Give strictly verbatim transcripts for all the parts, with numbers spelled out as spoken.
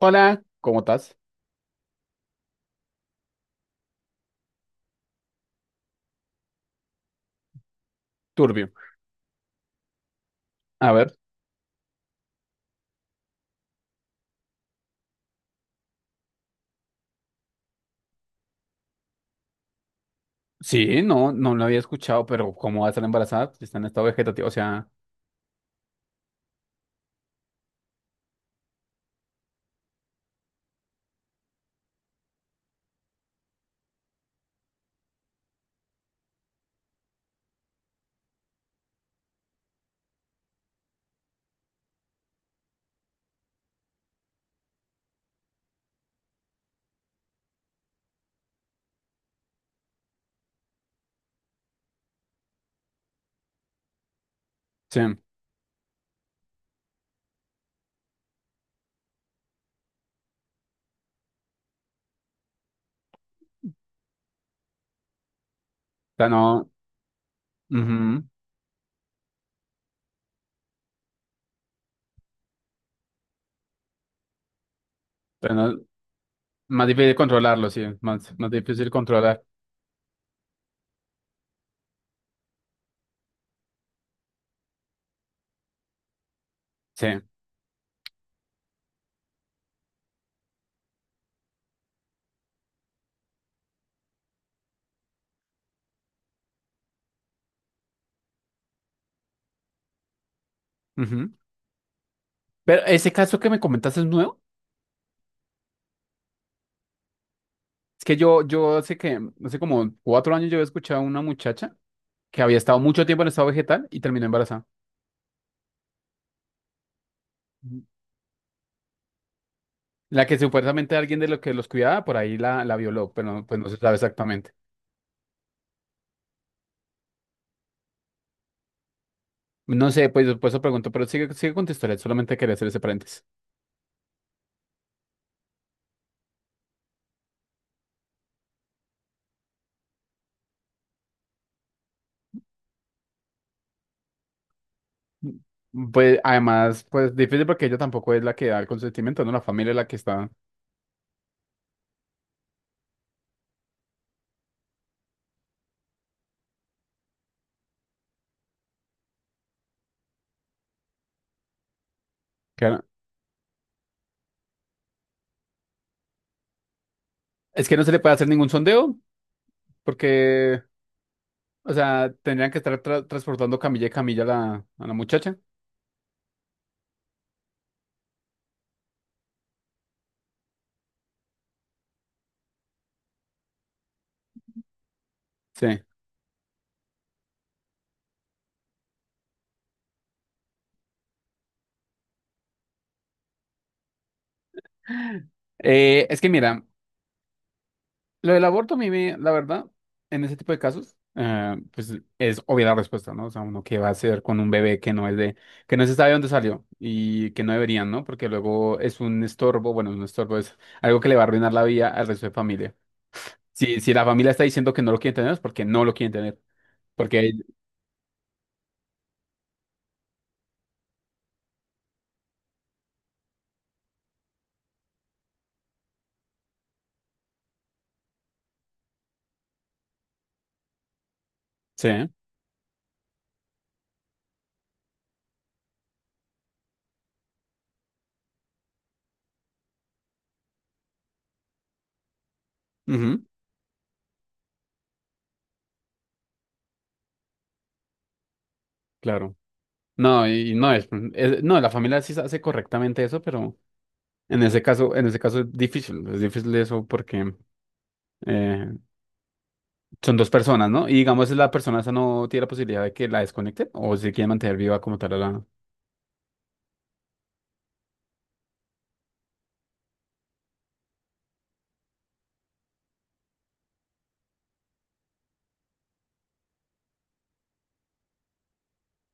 Hola, ¿cómo estás? Turbio. A ver, sí, no, no lo había escuchado, pero ¿cómo va a estar embarazada? Si está en estado vegetativo, o sea, sí, o sea, no, ujú, pero no- más difícil controlarlo, sí, más, más difícil controlar, sí. Ujú. Pero ese caso que me comentaste es nuevo, es que yo, yo hace que, hace como cuatro años yo había escuchado a una muchacha que había estado mucho tiempo en estado vegetal y terminó embarazada. La que supuestamente alguien de los que los cuidaba por ahí la, la violó, pero no- pues no se sabe exactamente. No sé, pues por eso pregunto, pero sigue, sigue con tu historia, solamente quería hacer ese paréntesis. Pues además, pues difícil porque ella tampoco es la que da el consentimiento, ¿no? La familia es la que está. que- Es que no se le puede hacer ningún sondeo porque, o sea, tendrían que estar tra- transportando camilla y camilla a la, a la muchacha. Sí. Eh, es que mira, lo del aborto a mí, me- la verdad, en ese tipo de casos, eh, pues es obvia la respuesta, ¿no? O sea, uno qué va a hacer con un bebé que no es de, que no se sabe dónde salió y que no deberían, ¿no? Porque luego es un estorbo, bueno, un estorbo es algo que le va a arruinar la vida al resto de familia. Si, si la familia está diciendo que no lo quieren tener, es porque no lo quieren tener. Porque, sí, ujú, claro. No, y no es, es- no, la familia sí hace correctamente eso, pero en ese caso, en ese caso es difícil, es difícil eso porque... eh, son dos personas, ¿no? Y digamos, la persona esa no tiene la posibilidad de que la desconecten o si quiere mantener viva como tal a la...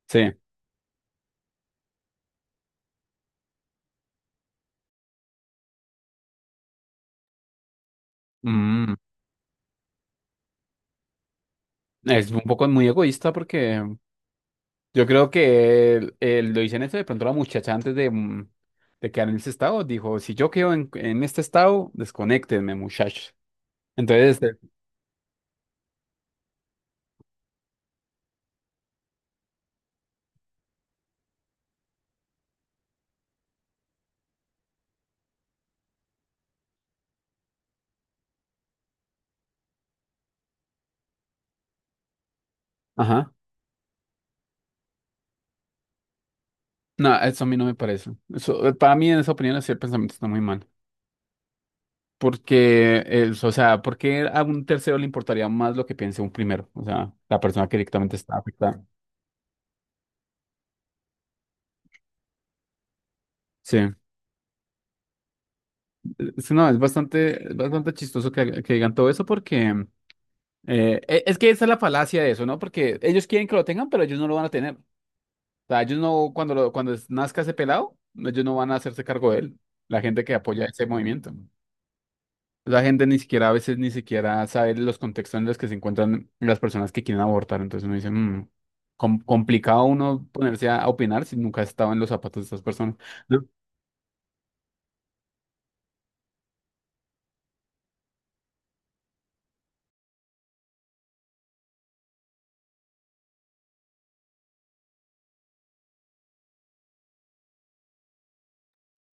Sí. Mm, es un poco muy egoísta porque yo creo que el- el- lo dicen eso de pronto la muchacha antes de, mm, de quedar en ese estado dijo, si yo quedo en, en este estado, desconéctenme, muchachos. Entonces, eh, ajá. No, eso a mí no me parece. Eso, eh, para mí, en esa opinión, ese pensamiento está muy mal. Porque, es, o sea, ¿por qué a un tercero le importaría más lo que piense un primero? O sea, la persona que directamente está afectada. Sí, es- no, es bastante, es bastante chistoso que, que digan todo eso porque eh, e- es que esa es la falacia de eso, ¿no? Porque ellos quieren que lo tengan, pero ellos no lo van a tener. O sea, ellos no, cuando, lo- cuando es- nazca ese pelado, ellos no van a hacerse cargo de él, la gente que apoya ese movimiento. La gente ni siquiera, a veces ni siquiera sabe los contextos en los que se encuentran las personas que quieren abortar. Entonces uno dice, "Mm, com- complicado uno ponerse a opinar si nunca ha estado en los zapatos de estas personas. ¿No?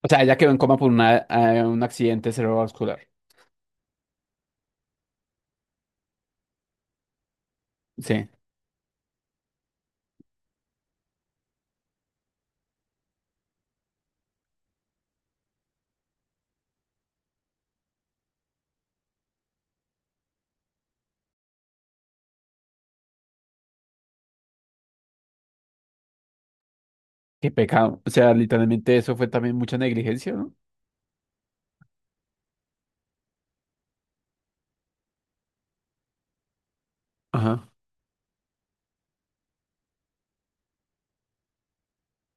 O sea, ella quedó en coma por una, eh, un accidente cerebrovascular. Sí. Qué pecado. O sea, literalmente eso fue también mucha negligencia, ¿no? Ajá.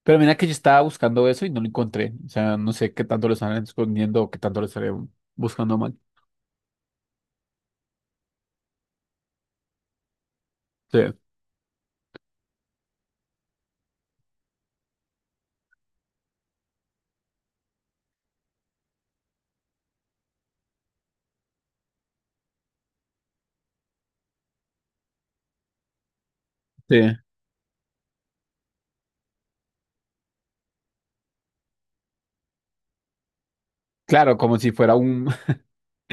Pero mira que yo estaba buscando eso y no lo encontré. O sea, no sé qué tanto lo están escondiendo o qué tanto lo estarían buscando mal. Sí, sí. Claro, como si fuera un...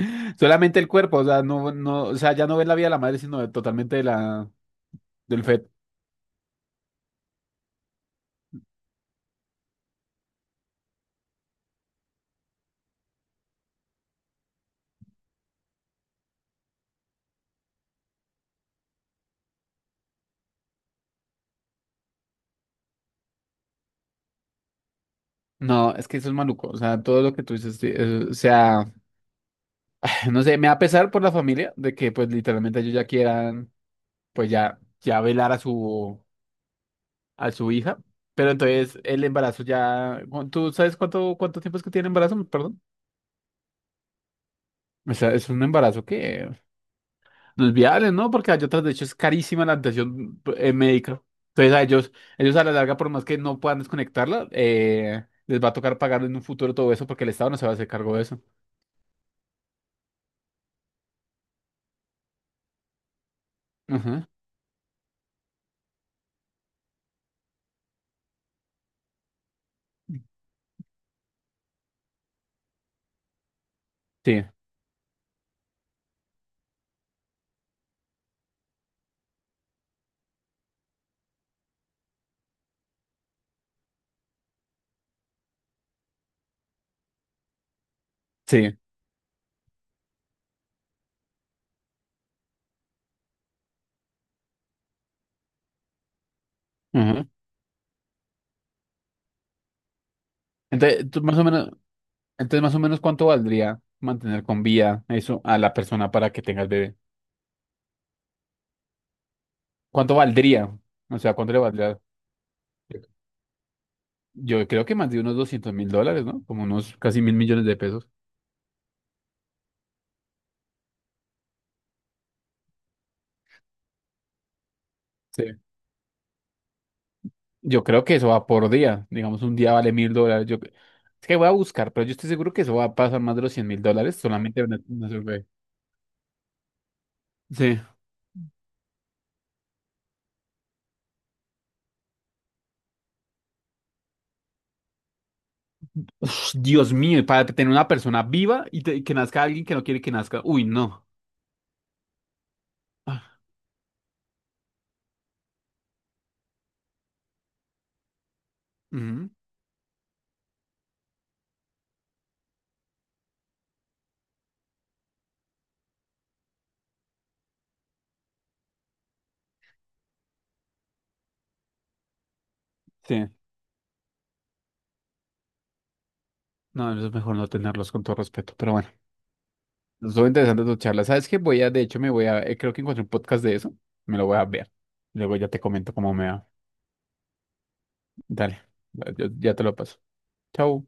solamente el cuerpo, o sea, no, no, o sea, ya no ves la vida de la madre, sino de- totalmente de la, del feto. No, es que eso es maluco. O sea, todo lo que tú dices, sí, es- o sea, no sé, me va a pesar por la familia de que pues literalmente ellos ya quieran, pues ya, ya velar a su... a su hija, pero entonces el embarazo ya, cu- ¿tú sabes cuánto, cuánto tiempo es que tiene embarazo? Perdón. O sea, es un embarazo que los viales, ¿no? Porque hay otras, de hecho, es carísima la atención eh, médica. Entonces a ellos, ellos a la larga, por más que no puedan desconectarla, eh, les va a tocar pagar en un futuro todo eso porque el Estado no se va a hacer cargo de eso. Ajá. Sí, sí. Ajá. Entonces, tú más o menos, entonces, más o menos, ¿cuánto valdría mantener con vida eso a la persona para que tenga el bebé? ¿Cuánto valdría? O sea, ¿cuánto le valdría? Yo creo que más de unos doscientos mil dólares, ¿no? Como unos casi mil millones de pesos. Sí. Yo creo que eso va por día. Digamos, un día vale mil dólares. Yo... Es que voy a buscar, pero yo estoy seguro que eso va a pasar más de los cien mil dólares solamente en una una survey. Sí. Uf, Dios mío, y para tener una persona viva y, te- y que nazca alguien que no quiere que nazca. Uy, no. Ujú. Sí. No, eso es mejor no tenerlos con todo respeto, pero bueno. Estuvo interesante tu charla. ¿Sabes qué? Voy a, de hecho, me voy a, eh, creo que encontré un podcast de eso. Me lo voy a ver. Luego ya te comento cómo me va. Dale, yo- ya te lo paso. Chau.